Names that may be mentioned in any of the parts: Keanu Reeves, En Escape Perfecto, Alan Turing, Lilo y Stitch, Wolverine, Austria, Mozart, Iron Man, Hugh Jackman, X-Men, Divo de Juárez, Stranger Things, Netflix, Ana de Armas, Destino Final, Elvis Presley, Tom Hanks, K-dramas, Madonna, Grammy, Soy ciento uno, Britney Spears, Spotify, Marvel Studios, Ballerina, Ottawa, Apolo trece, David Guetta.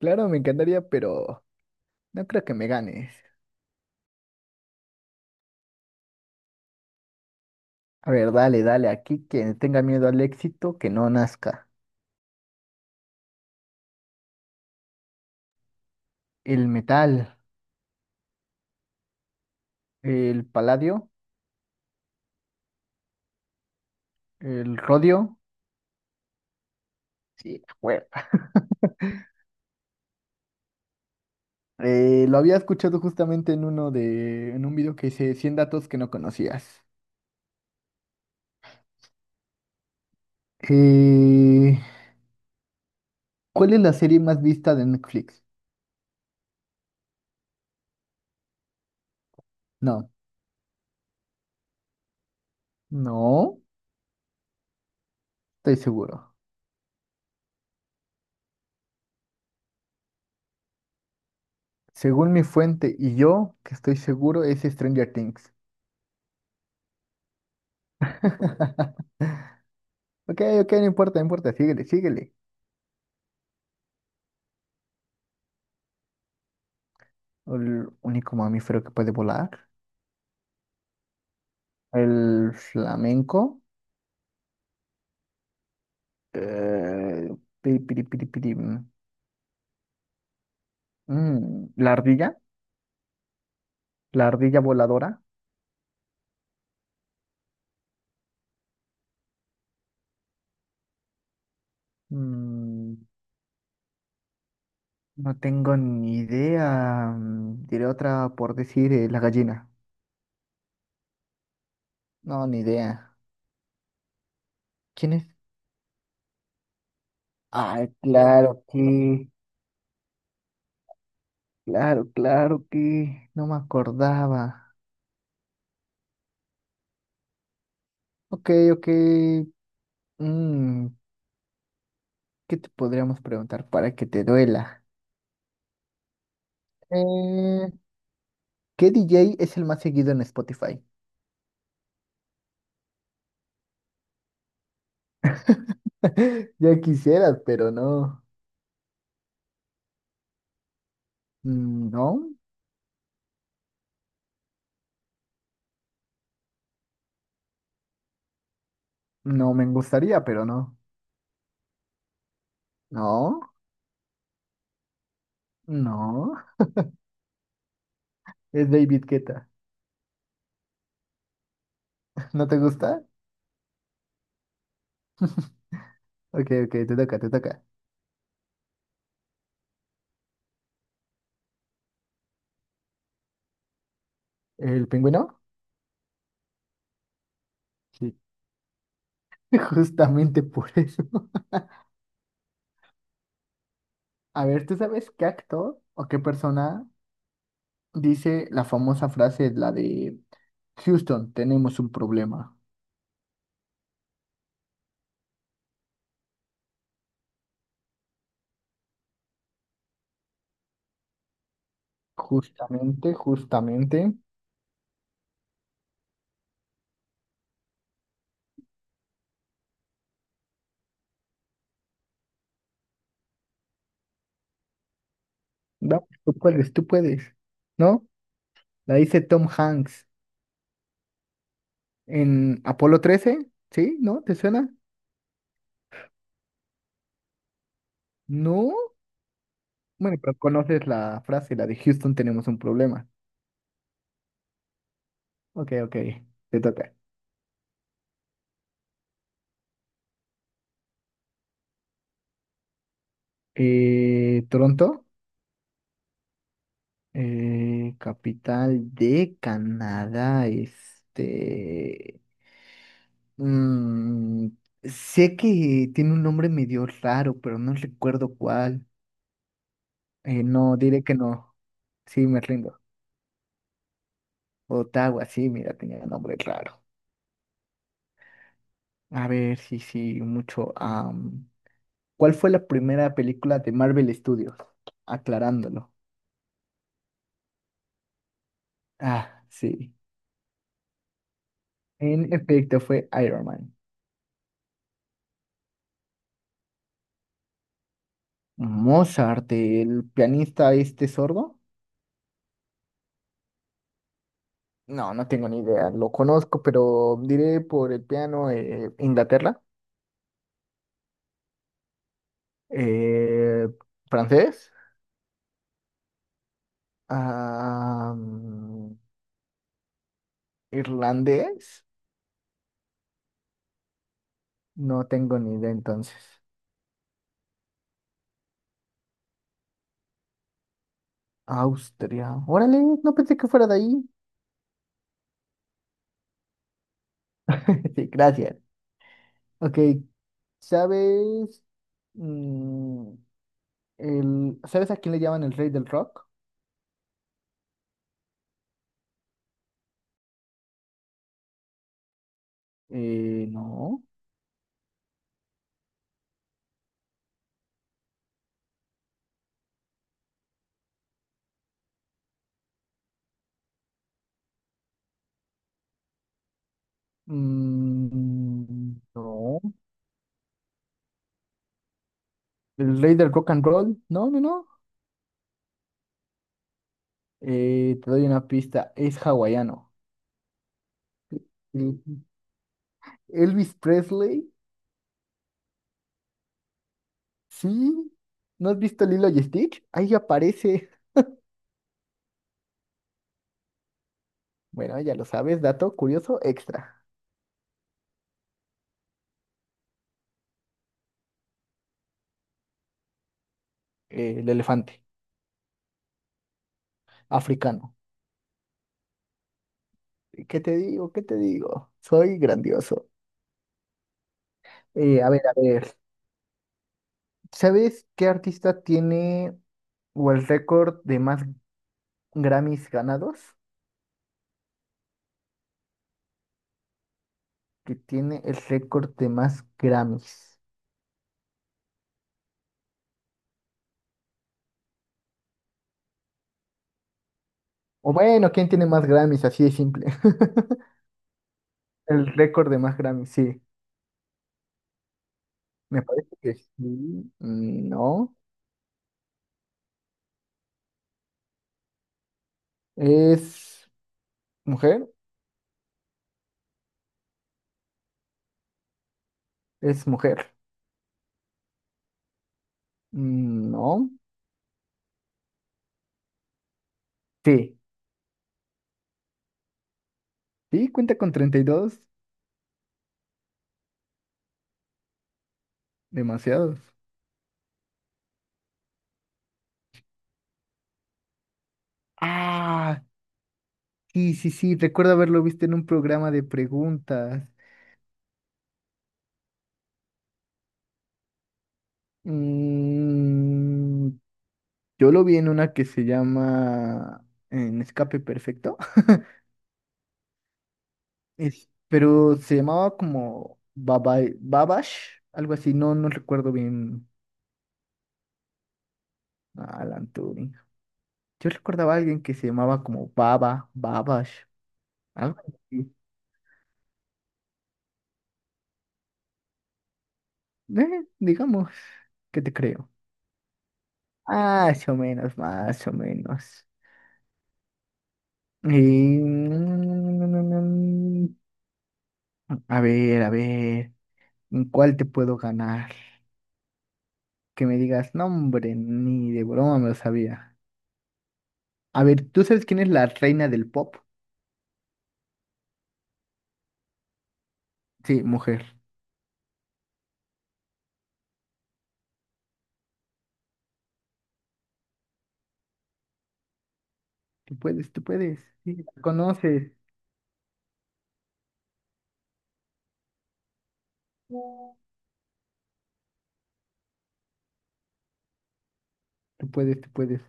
Claro, me encantaría, pero no creo que me ganes. A ver, dale, dale, aquí quien tenga miedo al éxito, que no nazca. El metal, el paladio, el rodio, sí, bueno. Lo había escuchado justamente en un video que hice 100 datos que no conocías. Eh, ¿cuál es la serie más vista de Netflix? No, no, estoy seguro. Según mi fuente y yo, que estoy seguro, es Stranger Things. Ok, ok, no importa, no importa, síguele, síguele. El único mamífero que puede volar. El flamenco. eh, Piri, piri, piri, piri, la ardilla. La ardilla voladora. Mm, no tengo ni idea. Diré otra por decir la gallina. No, ni idea. ¿Quién es? Ah, claro que. Claro, claro que. No me acordaba. Ok, ok. mm, ¿qué te podríamos preguntar para que te duela? Eh, ¿Qué DJ es el más seguido en Spotify? Ya quisieras, pero no. No, no me gustaría, pero no. No, no. Es David Guetta. ¿No te gusta? Ok, ok, te toca, te toca. ¿El pingüino? Sí. Justamente por eso. A ver, ¿tú sabes qué actor o qué persona dice la famosa frase, la de Houston, tenemos un problema? Justamente, justamente. Vamos, tú puedes, tú puedes. ¿No? La dice Tom Hanks en Apolo 13. ¿Sí? ¿No? ¿Te suena? No. Bueno, pero conoces la frase, la de Houston tenemos un problema. Ok, ok, te toca. Toronto, capital de Canadá, este, mm, sé que tiene un nombre medio raro, pero no recuerdo cuál. No, diré que no. Sí, me rindo. Ottawa, sí, mira, tenía nombre raro. A ver, sí, sí, mucho. ¿Cuál fue la primera película de Marvel Studios? Aclarándolo. Ah, sí. En efecto, fue Iron Man. Mozart, el pianista este sordo. No, no tengo ni idea. Lo conozco, pero diré por el piano Inglaterra. Eh, Francés. am, Irlandés. No tengo ni idea entonces. Austria. Órale, no pensé que fuera de ahí. Sí, gracias. Ok, ¿sabes? mm, ¿Sabes a quién le llaman el rey del rock? No. No. ¿El rey del rock and roll? No, no, no. Te doy una pista, es hawaiano. El- Elvis Presley, sí. ¿No has visto Lilo y Stitch? Ahí aparece. Bueno, ya lo sabes, dato curioso extra. El elefante africano. ¿Qué te digo? ¿Qué te digo? Soy grandioso. A ver, a ver. ¿Sabes qué artista tiene o el récord de más Grammys ganados? Que tiene el récord de más Grammys. O bueno, ¿quién tiene más Grammys? Así de simple. El récord de más Grammys, sí. Me parece que sí. No. ¿Es mujer? Es mujer. No. Sí. Sí, cuenta con 32. Demasiados. Ah, sí, sí, sí. Recuerdo haberlo visto en un programa de preguntas. Mm, yo lo vi en una que se llama En Escape Perfecto. Pero se llamaba como Baba Babash, algo así, no, no recuerdo bien a Alan Turing. Yo recordaba a alguien que se llamaba como Baba, Babash, algo así. Digamos, ¿qué te creo? Más o menos, más o menos. Y, mm, a ver, ¿en cuál te puedo ganar? Que me digas, no, hombre, ni de broma me lo sabía. A ver, ¿tú sabes quién es la reina del pop? Sí, mujer. Tú puedes, tú puedes. Sí, la conoces. Tú puedes, tú puedes.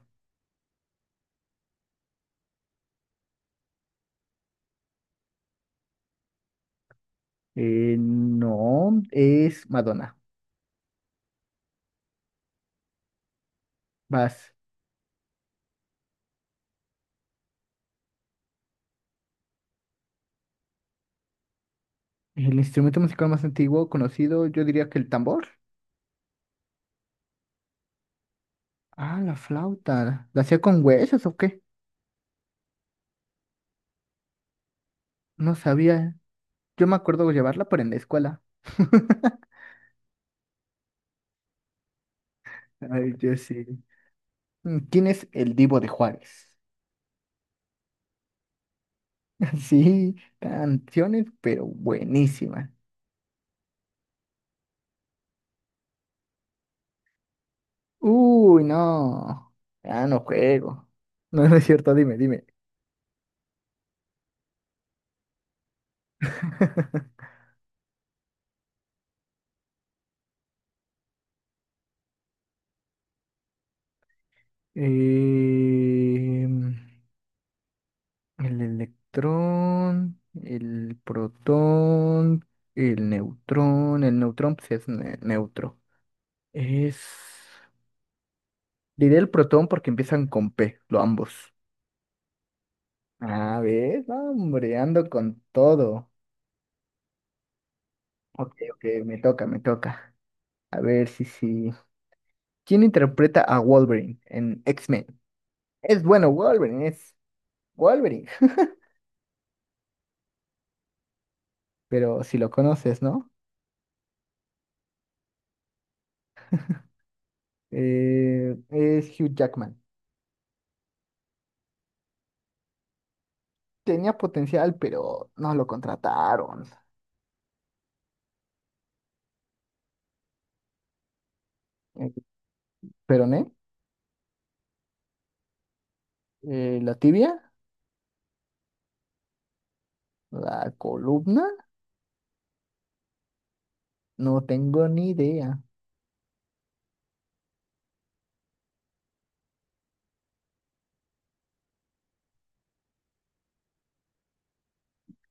No, es Madonna. Vas. El instrumento musical más antiguo conocido, yo diría que el tambor. Ah, la flauta. ¿La hacía con huesos o qué? No sabía. Yo me acuerdo llevarla, pero en la escuela. Ay, yo sí. ¿Quién es el Divo de Juárez? Sí, canciones, pero buenísimas. Uy, no. Ya no juego. No, no es cierto, dime, dime. Em, el electrón, el protón, el neutrón. El neutrón, pues es neutro. Es. Diré el protón porque empiezan con P, lo ambos. A ver, hombre, ando con todo. Ok, ok, me toca, me toca. A ver si sí. ¿Quién interpreta a Wolverine en X-Men? Es bueno, Wolverine, es Wolverine. Pero si lo conoces, ¿no? Es Hugh Jackman. Tenía potencial, pero no lo contrataron. Eh, Peroné, la tibia, la columna, no tengo ni idea.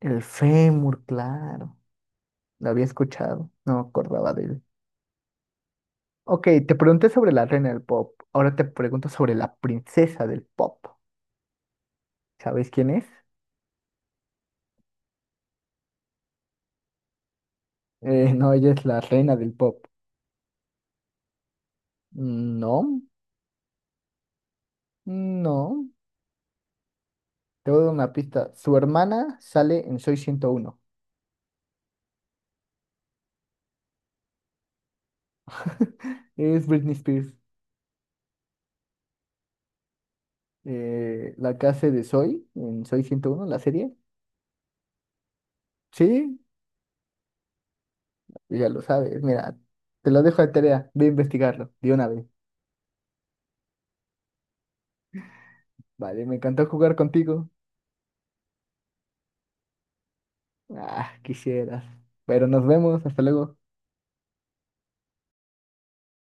El fémur, claro. Lo había escuchado, no me acordaba de él. Ok, te pregunté sobre la reina del pop. Ahora te pregunto sobre la princesa del pop. ¿Sabes quién es? No, ella es la reina del pop. No, no. Te voy a dar una pista. Su hermana sale en Soy 101. Es Britney Spears. La que hace de Soy en Soy 101 la serie. Sí, ya lo sabes. Mira, te lo dejo de tarea. Ve a investigarlo de una vez. Vale, me encantó jugar contigo. Ah, quisieras. Pero nos vemos. Hasta luego.